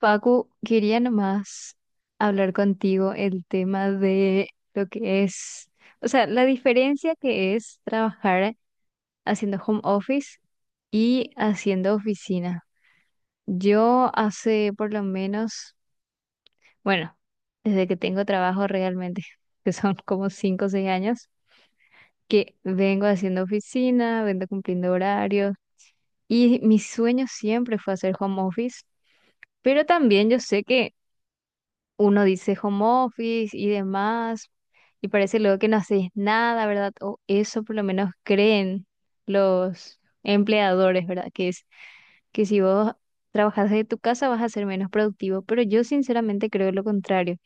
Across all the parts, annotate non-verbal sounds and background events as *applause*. Paco, quería nomás hablar contigo el tema de lo que es, o sea, la diferencia que es trabajar haciendo home office y haciendo oficina. Yo hace por lo menos, bueno, desde que tengo trabajo realmente, *laughs* que son como 5 o 6 años, que vengo haciendo oficina, vengo cumpliendo horarios y mi sueño siempre fue hacer home office, pero también yo sé que uno dice home office y demás, y parece luego que no haces nada, ¿verdad? O eso por lo menos creen los empleadores, ¿verdad? Que es que si vos trabajas desde tu casa vas a ser menos productivo, pero yo sinceramente creo lo contrario.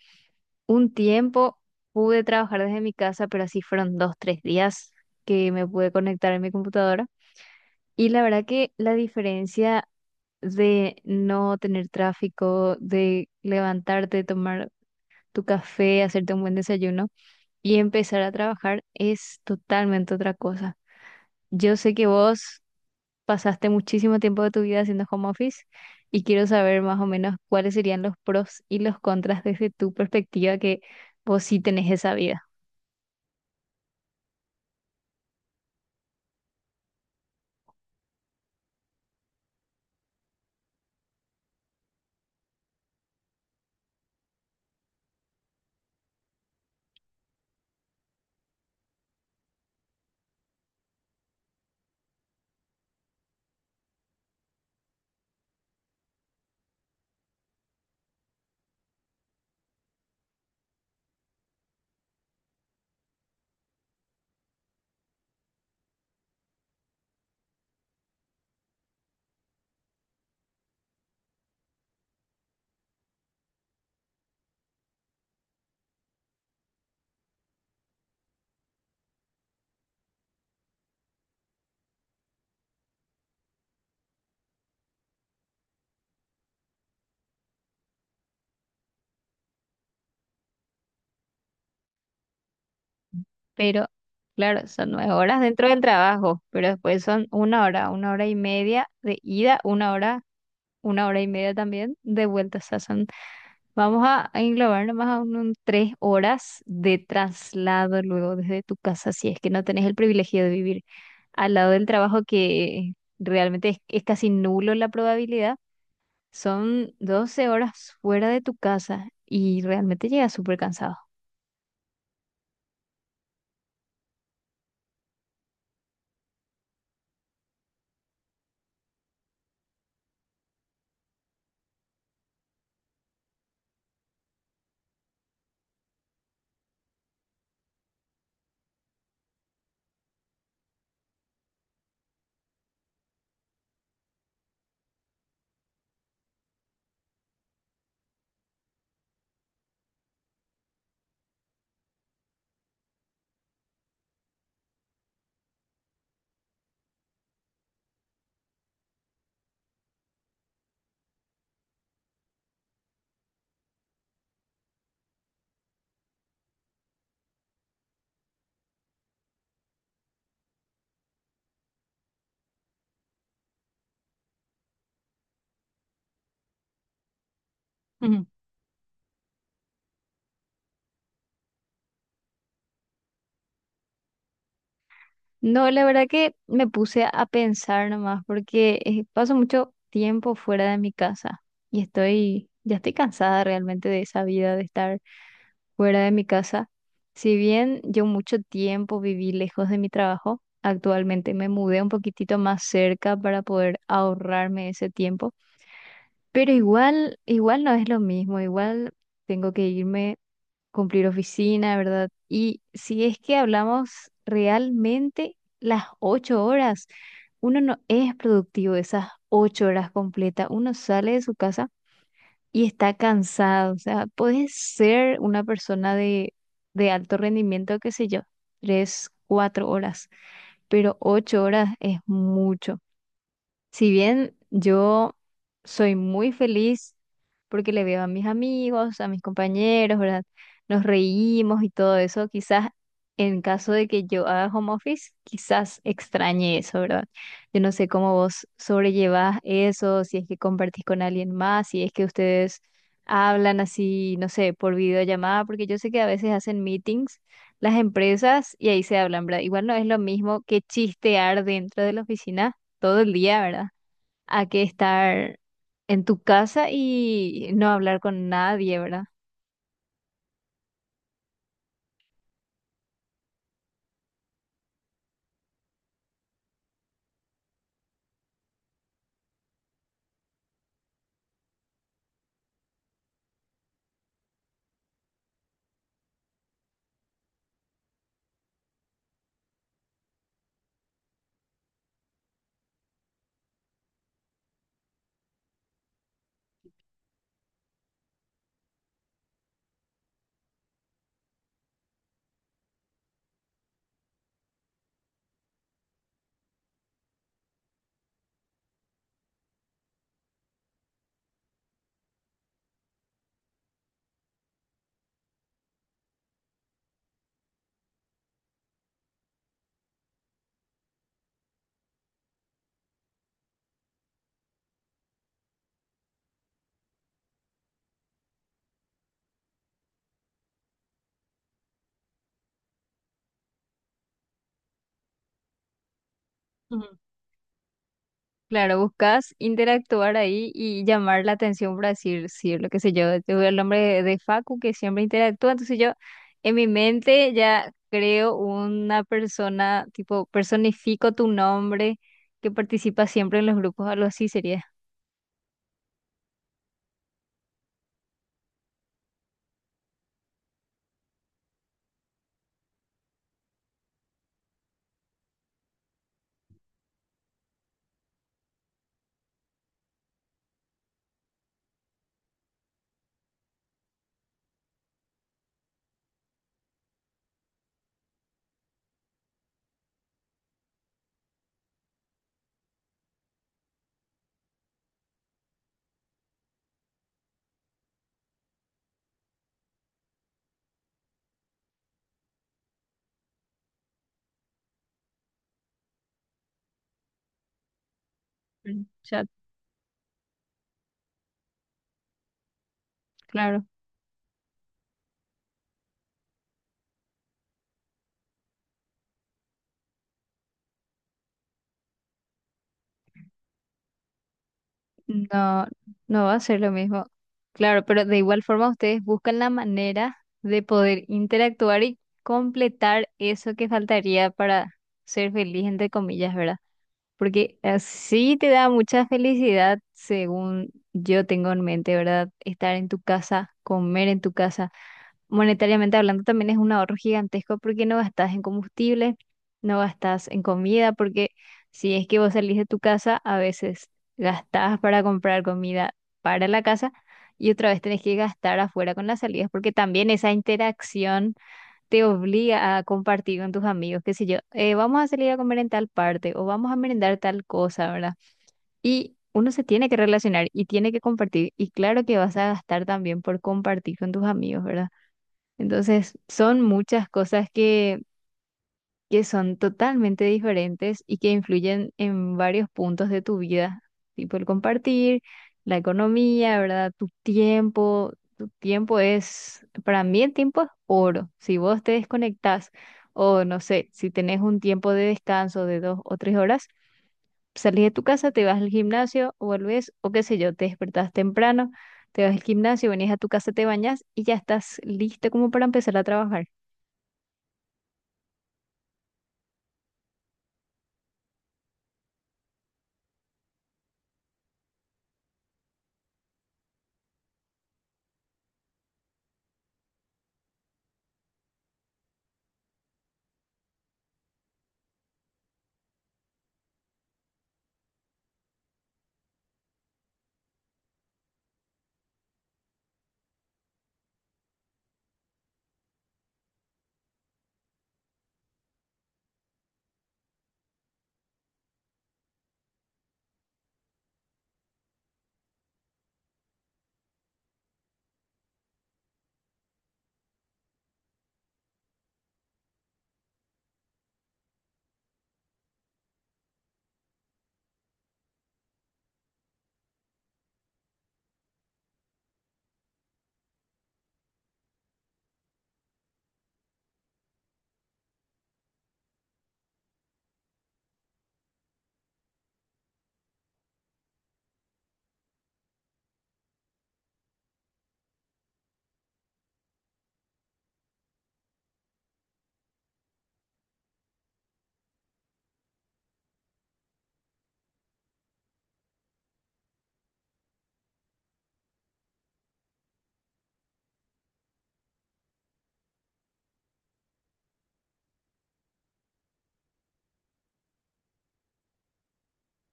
Un tiempo pude trabajar desde mi casa, pero así fueron dos, tres días que me pude conectar en mi computadora. Y la verdad que la diferencia de no tener tráfico, de levantarte, tomar tu café, hacerte un buen desayuno y empezar a trabajar es totalmente otra cosa. Yo sé que vos pasaste muchísimo tiempo de tu vida haciendo home office y quiero saber más o menos cuáles serían los pros y los contras desde tu perspectiva que vos sí tenés esa vida. Pero claro, son 9 horas dentro del trabajo, pero después son 1 hora, una hora y media de ida, 1 hora, una hora y media también de vuelta. O sea, son. Vamos a englobar nomás a un 3 horas de traslado luego desde tu casa, si es que no tenés el privilegio de vivir al lado del trabajo, que realmente es casi nulo la probabilidad. Son 12 horas fuera de tu casa y realmente llegas súper cansado. Ujú. No, la verdad que me puse a pensar nomás porque paso mucho tiempo fuera de mi casa y ya estoy cansada realmente de esa vida de estar fuera de mi casa. Si bien yo mucho tiempo viví lejos de mi trabajo, actualmente me mudé un poquitito más cerca para poder ahorrarme ese tiempo, pero igual, igual no es lo mismo, igual tengo que irme, cumplir oficina, ¿verdad? Y si es que hablamos realmente las 8 horas, uno no es productivo esas 8 horas completas, uno sale de su casa y está cansado. O sea, puedes ser una persona de alto rendimiento, qué sé yo, tres, cuatro horas, pero 8 horas es mucho. Si bien yo soy muy feliz porque le veo a mis amigos, a mis compañeros, ¿verdad? Nos reímos y todo eso, quizás en caso de que yo haga home office, quizás extrañe eso, ¿verdad? Yo no sé cómo vos sobrellevás eso, si es que compartís con alguien más, si es que ustedes hablan así, no sé, por videollamada, porque yo sé que a veces hacen meetings las empresas y ahí se hablan, ¿verdad? Igual no es lo mismo que chistear dentro de la oficina todo el día, ¿verdad? A que estar en tu casa y no hablar con nadie, ¿verdad? Ujú. Claro, buscas interactuar ahí y llamar la atención para decir, sí, lo que sé yo, te veo el nombre de Facu que siempre interactúa, entonces yo en mi mente ya creo una persona, tipo, personifico tu nombre que participa siempre en los grupos, algo así sería. El chat, claro. No, no va a ser lo mismo. Claro, pero de igual forma ustedes buscan la manera de poder interactuar y completar eso que faltaría para ser feliz, entre comillas, ¿verdad? Porque así te da mucha felicidad, según yo tengo en mente, ¿verdad? Estar en tu casa, comer en tu casa monetariamente hablando también es un ahorro gigantesco porque no gastas en combustible, no gastas en comida, porque si es que vos salís de tu casa, a veces gastás para comprar comida para la casa y otra vez tenés que gastar afuera con las salidas, porque también esa interacción te obliga a compartir con tus amigos, qué sé yo, vamos a salir a comer en tal parte o vamos a merendar tal cosa, ¿verdad? Y uno se tiene que relacionar y tiene que compartir y claro que vas a gastar también por compartir con tus amigos, ¿verdad? Entonces, son muchas cosas que son totalmente diferentes y que influyen en varios puntos de tu vida, tipo el compartir, la economía, ¿verdad? Tu tiempo es, para mí el tiempo es oro. Si vos te desconectás o no sé, si tenés un tiempo de descanso de dos o 3 horas, salís de tu casa, te vas al gimnasio, vuelves o qué sé yo, te despertás temprano, te vas al gimnasio, venís a tu casa, te bañas y ya estás listo como para empezar a trabajar.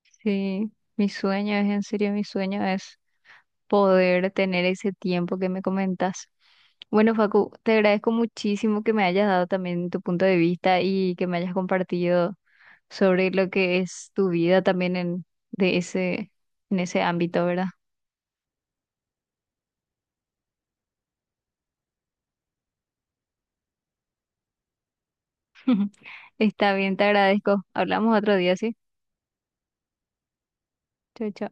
Sí, mi sueño es, en serio, mi sueño es poder tener ese tiempo que me comentas. Bueno, Facu, te agradezco muchísimo que me hayas dado también tu punto de vista y que me hayas compartido sobre lo que es tu vida también en, de ese, en ese ámbito, ¿verdad? *laughs* Está bien, te agradezco. Hablamos otro día, ¿sí? Chao, chao.